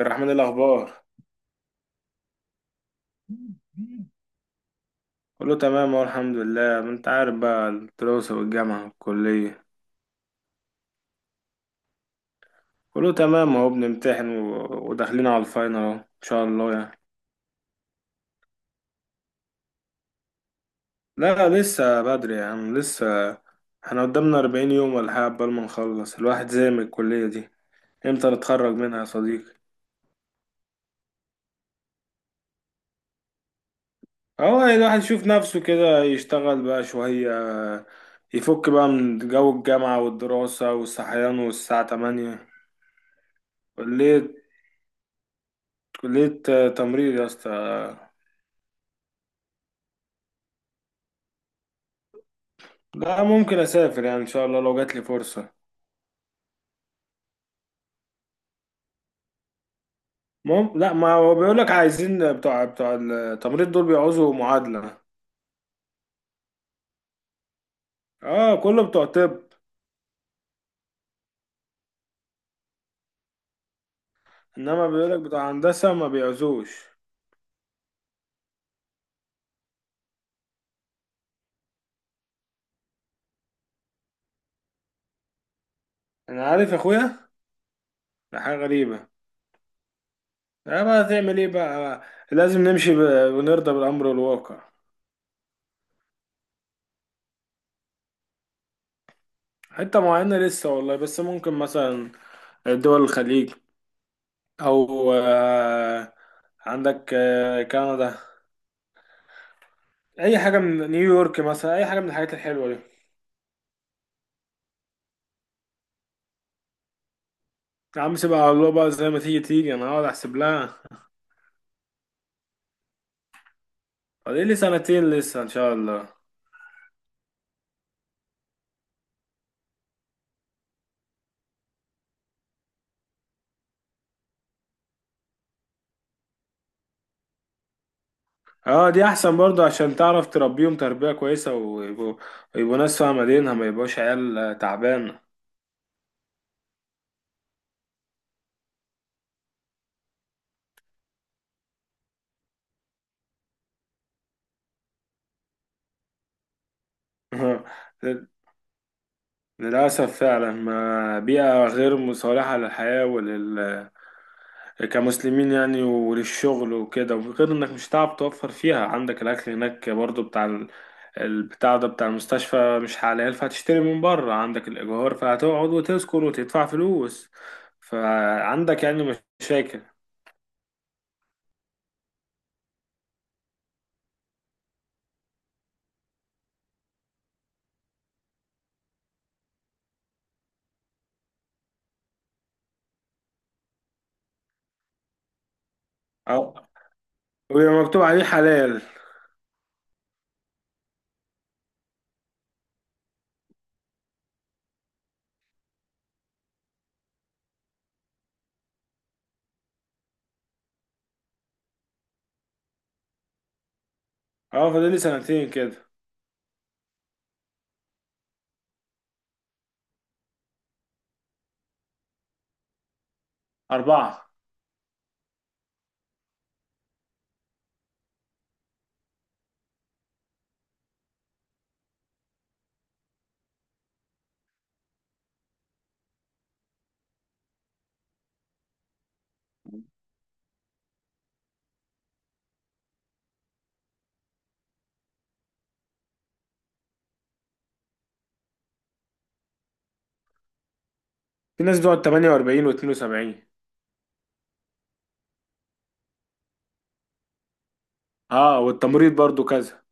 الرحمن، إيه الأخبار؟ كله تمام أهو، الحمد لله. ما أنت عارف بقى، الدراسة والجامعة والكلية. كله تمام أهو، بنمتحن وداخلين على الفاينل أهو، إن شاء الله يعني. لا لسه بدري يا عم، لسه. احنا قدامنا 40 يوم ولا حاجة قبل ما نخلص الواحد زي من الكلية دي. إمتى نتخرج منها يا صديقي؟ أهو يعني الواحد يشوف نفسه كده، يشتغل بقى شوية، يفك بقى من جو الجامعة والدراسة والصحيان والساعة 8. كلية كلية تمريض يا اسطى. لا ممكن اسافر يعني، ان شاء الله لو جات لي فرصه. لا، ما هو بيقول لك عايزين بتوع التمريض دول بيعوزوا معادله. اه كله بتوع طب. انما بيقول لك بتوع هندسه ما بيعوزوش. انا عارف يا اخويا، ده حاجه غريبه. اه بقى تعمل ايه بقى، لازم نمشي ونرضى بالامر الواقع. حته معينه لسه والله، بس ممكن مثلا دول الخليج، او آه عندك آه كندا. اي حاجه من نيويورك مثلا، اي حاجه من الحاجات الحلوه دي. يا عم سيبها على الله بقى، زي ما تيجي تيجي، انا هقعد احسب لها. فاضل لي سنتين لسه ان شاء الله. اه دي احسن برضه، عشان تعرف تربيهم تربية كويسة، ويبقوا يبقوا ناس فاهمة دينها، ما يبقوش عيال تعبانة. للأسف فعلا، ما بيئة غير مصالحة للحياة ولل كمسلمين يعني، وللشغل وكده. وغير انك مش هتعرف توفر فيها، عندك الاكل هناك برضو بتاع البتاع ده بتاع المستشفى مش حلال، فهتشتري من بره. عندك الايجار فهتقعد وتسكن وتدفع فلوس. فعندك يعني مشاكل. اه، ويبقى مكتوب عليه حلال. اه فاضل لي سنتين كده. 4. في ناس بتقعد 48 و 72. اه والتمريض برضو كذا.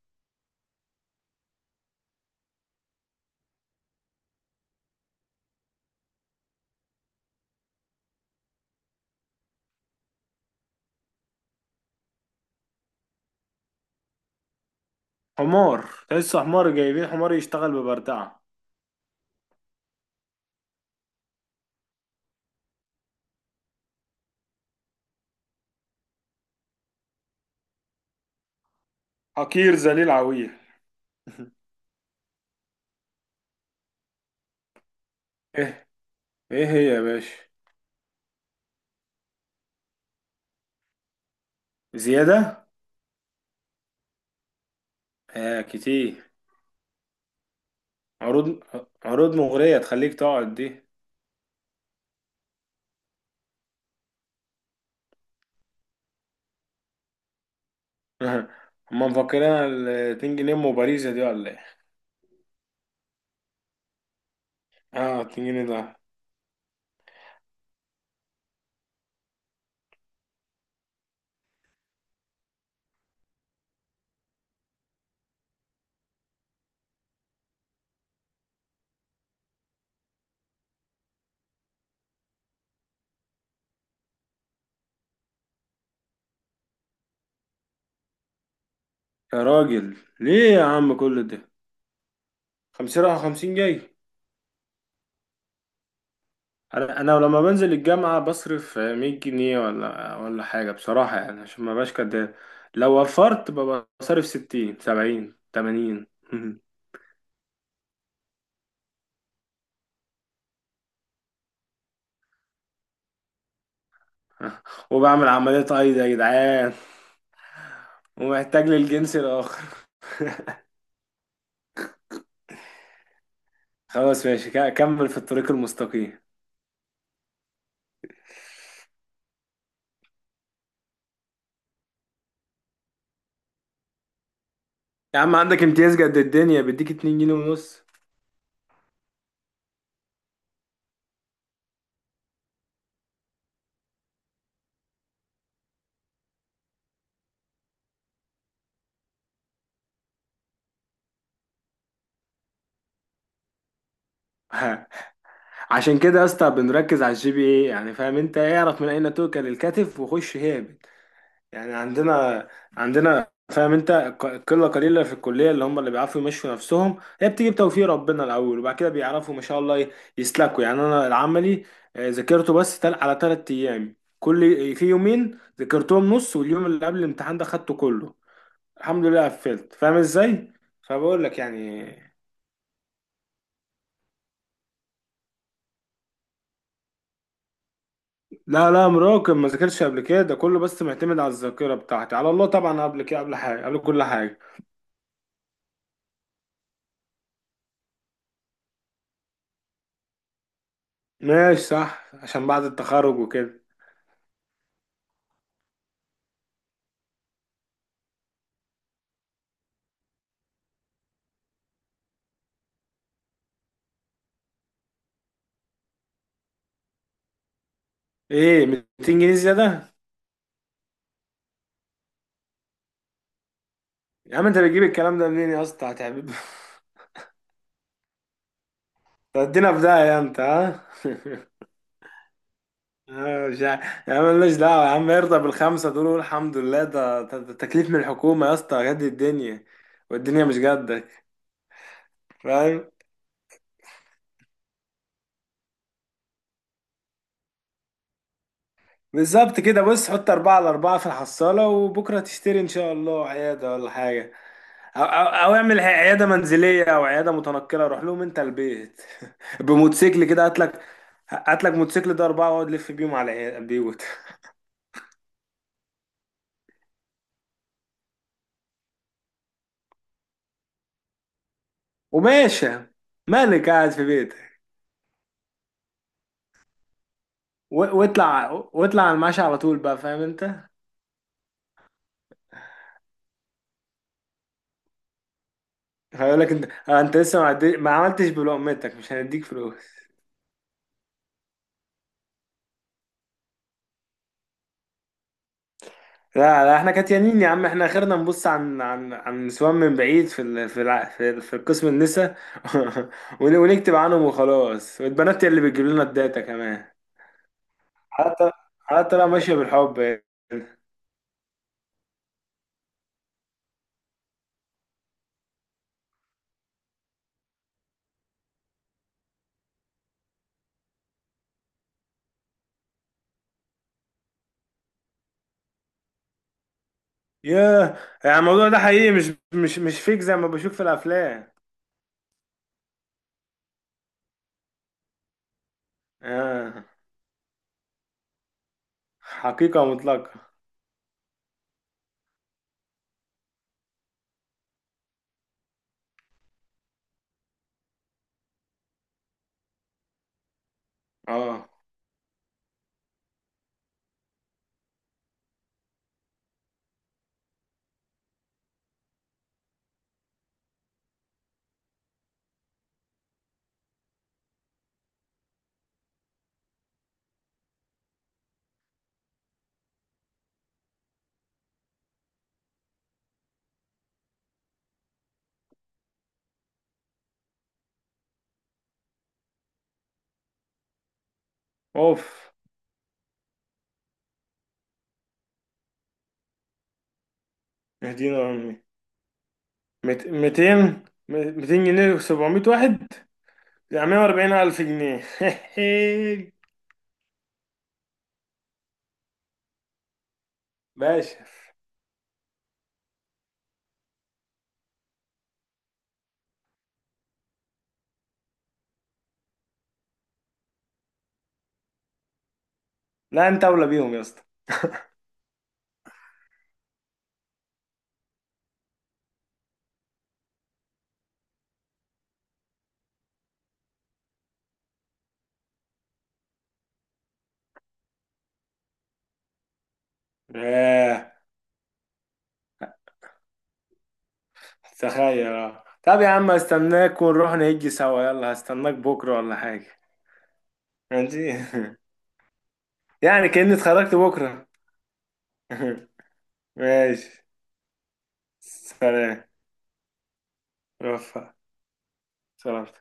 حمار تحس، حمار جايبين حمار يشتغل ببردعة. حقير ذليل عويل. ايه هي يا باشا؟ زيادة؟ آه كتير. عروض، عروض مغرية تخليك تقعد دي. هما مفكرينها ال 2 جنيه ام باريزا دي ولا ايه؟ اه 2 جنيه ده. يا راجل ليه يا عم كل ده، 50 رايح 50 جاي. انا لما بنزل الجامعة بصرف 100 جنيه ولا حاجة بصراحة، يعني عشان ما بقاش كداب. لو وفرت ببقى صارف 60 70 80. وبعمل عملية ايضا يا جدعان. ومحتاج للجنس الآخر. خلاص ماشي، كمل في الطريق المستقيم. يا عم عندك امتياز قد الدنيا، بيديك 2 جنيه ونص. ها، عشان كده يا اسطى بنركز على الجي بي اي، يعني فاهم انت؟ اعرف من اين توكل الكتف وخش هابط. يعني عندنا فاهم انت، ق- قله قليله في الكليه اللي هم اللي بيعرفوا يمشوا نفسهم. هي بتيجي بتوفيق ربنا الاول، وبعد كده بيعرفوا ما شاء الله يسلكوا. يعني انا العملي ذاكرته بس تل على 3 ايام، كل في يومين ذاكرتهم نص، واليوم اللي قبل الامتحان ده خدته كله. الحمد لله قفلت، فاهم ازاي؟ فبقول لك يعني، لا لا مراقب ما ذاكرش قبل كده، ده كله بس معتمد على الذاكره بتاعتي، على الله طبعا، قبل كده قبل حاجه قبل كل حاجه. ماشي صح، عشان بعد التخرج وكده. ايه، 200 جنيه زياده؟ يا عم انت بتجيب الكلام ده منين يا اسطى، هتعمل تدينا في داهيه انت. ها، مش عارف. يا عم مالناش دعوه يا عم، ارضى بالخمسه دول وقول الحمد لله، ده ده تكليف من الحكومه يا اسطى، جد الدنيا والدنيا مش جدك، فاهم؟ بالظبط كده، بص حط 4 على 4 في الحصالة، وبكرة تشتري إن شاء الله عيادة ولا حاجة. أو اعمل عيادة منزلية أو عيادة متنقلة، روح لهم أنت البيت. بموتوسيكل كده، هات لك موتوسيكل ده 4، واقعد لف بيهم على البيوت. وماشي، مالك قاعد في بيتك واطلع على المعاش على طول بقى، فاهم أنت؟ هيقول لك، أنت لسه ما عملتش بلقمتك، مش هنديك فلوس. لا لا احنا كاتيانين يا عم، احنا اخرنا نبص عن نسوان من بعيد، في ال... في الع... في, ال... في القسم النسا. ونكتب عنهم وخلاص، والبنات هي اللي بتجيب لنا الداتا كمان. حتى حتى لو ماشيه بالحب يعني. ياه، يعني الموضوع ده حقيقي، مش فيك زي ما بشوف في الافلام. آه. حقيقه مطلقه. اه اوف، اهدينا امي. 200 200 جنيه و700 واحد، يعني 140 الف جنيه. باشا. لا انت اولى بيهم يا اسطى. ياه تخيل. اه طب يا عم، استناك ونروح نهجي سوا، يلا هستناك بكره ولا حاجه؟ ماشي. يعني كأني اتخرجت بكره. ماشي. سلام. رفع. سلام.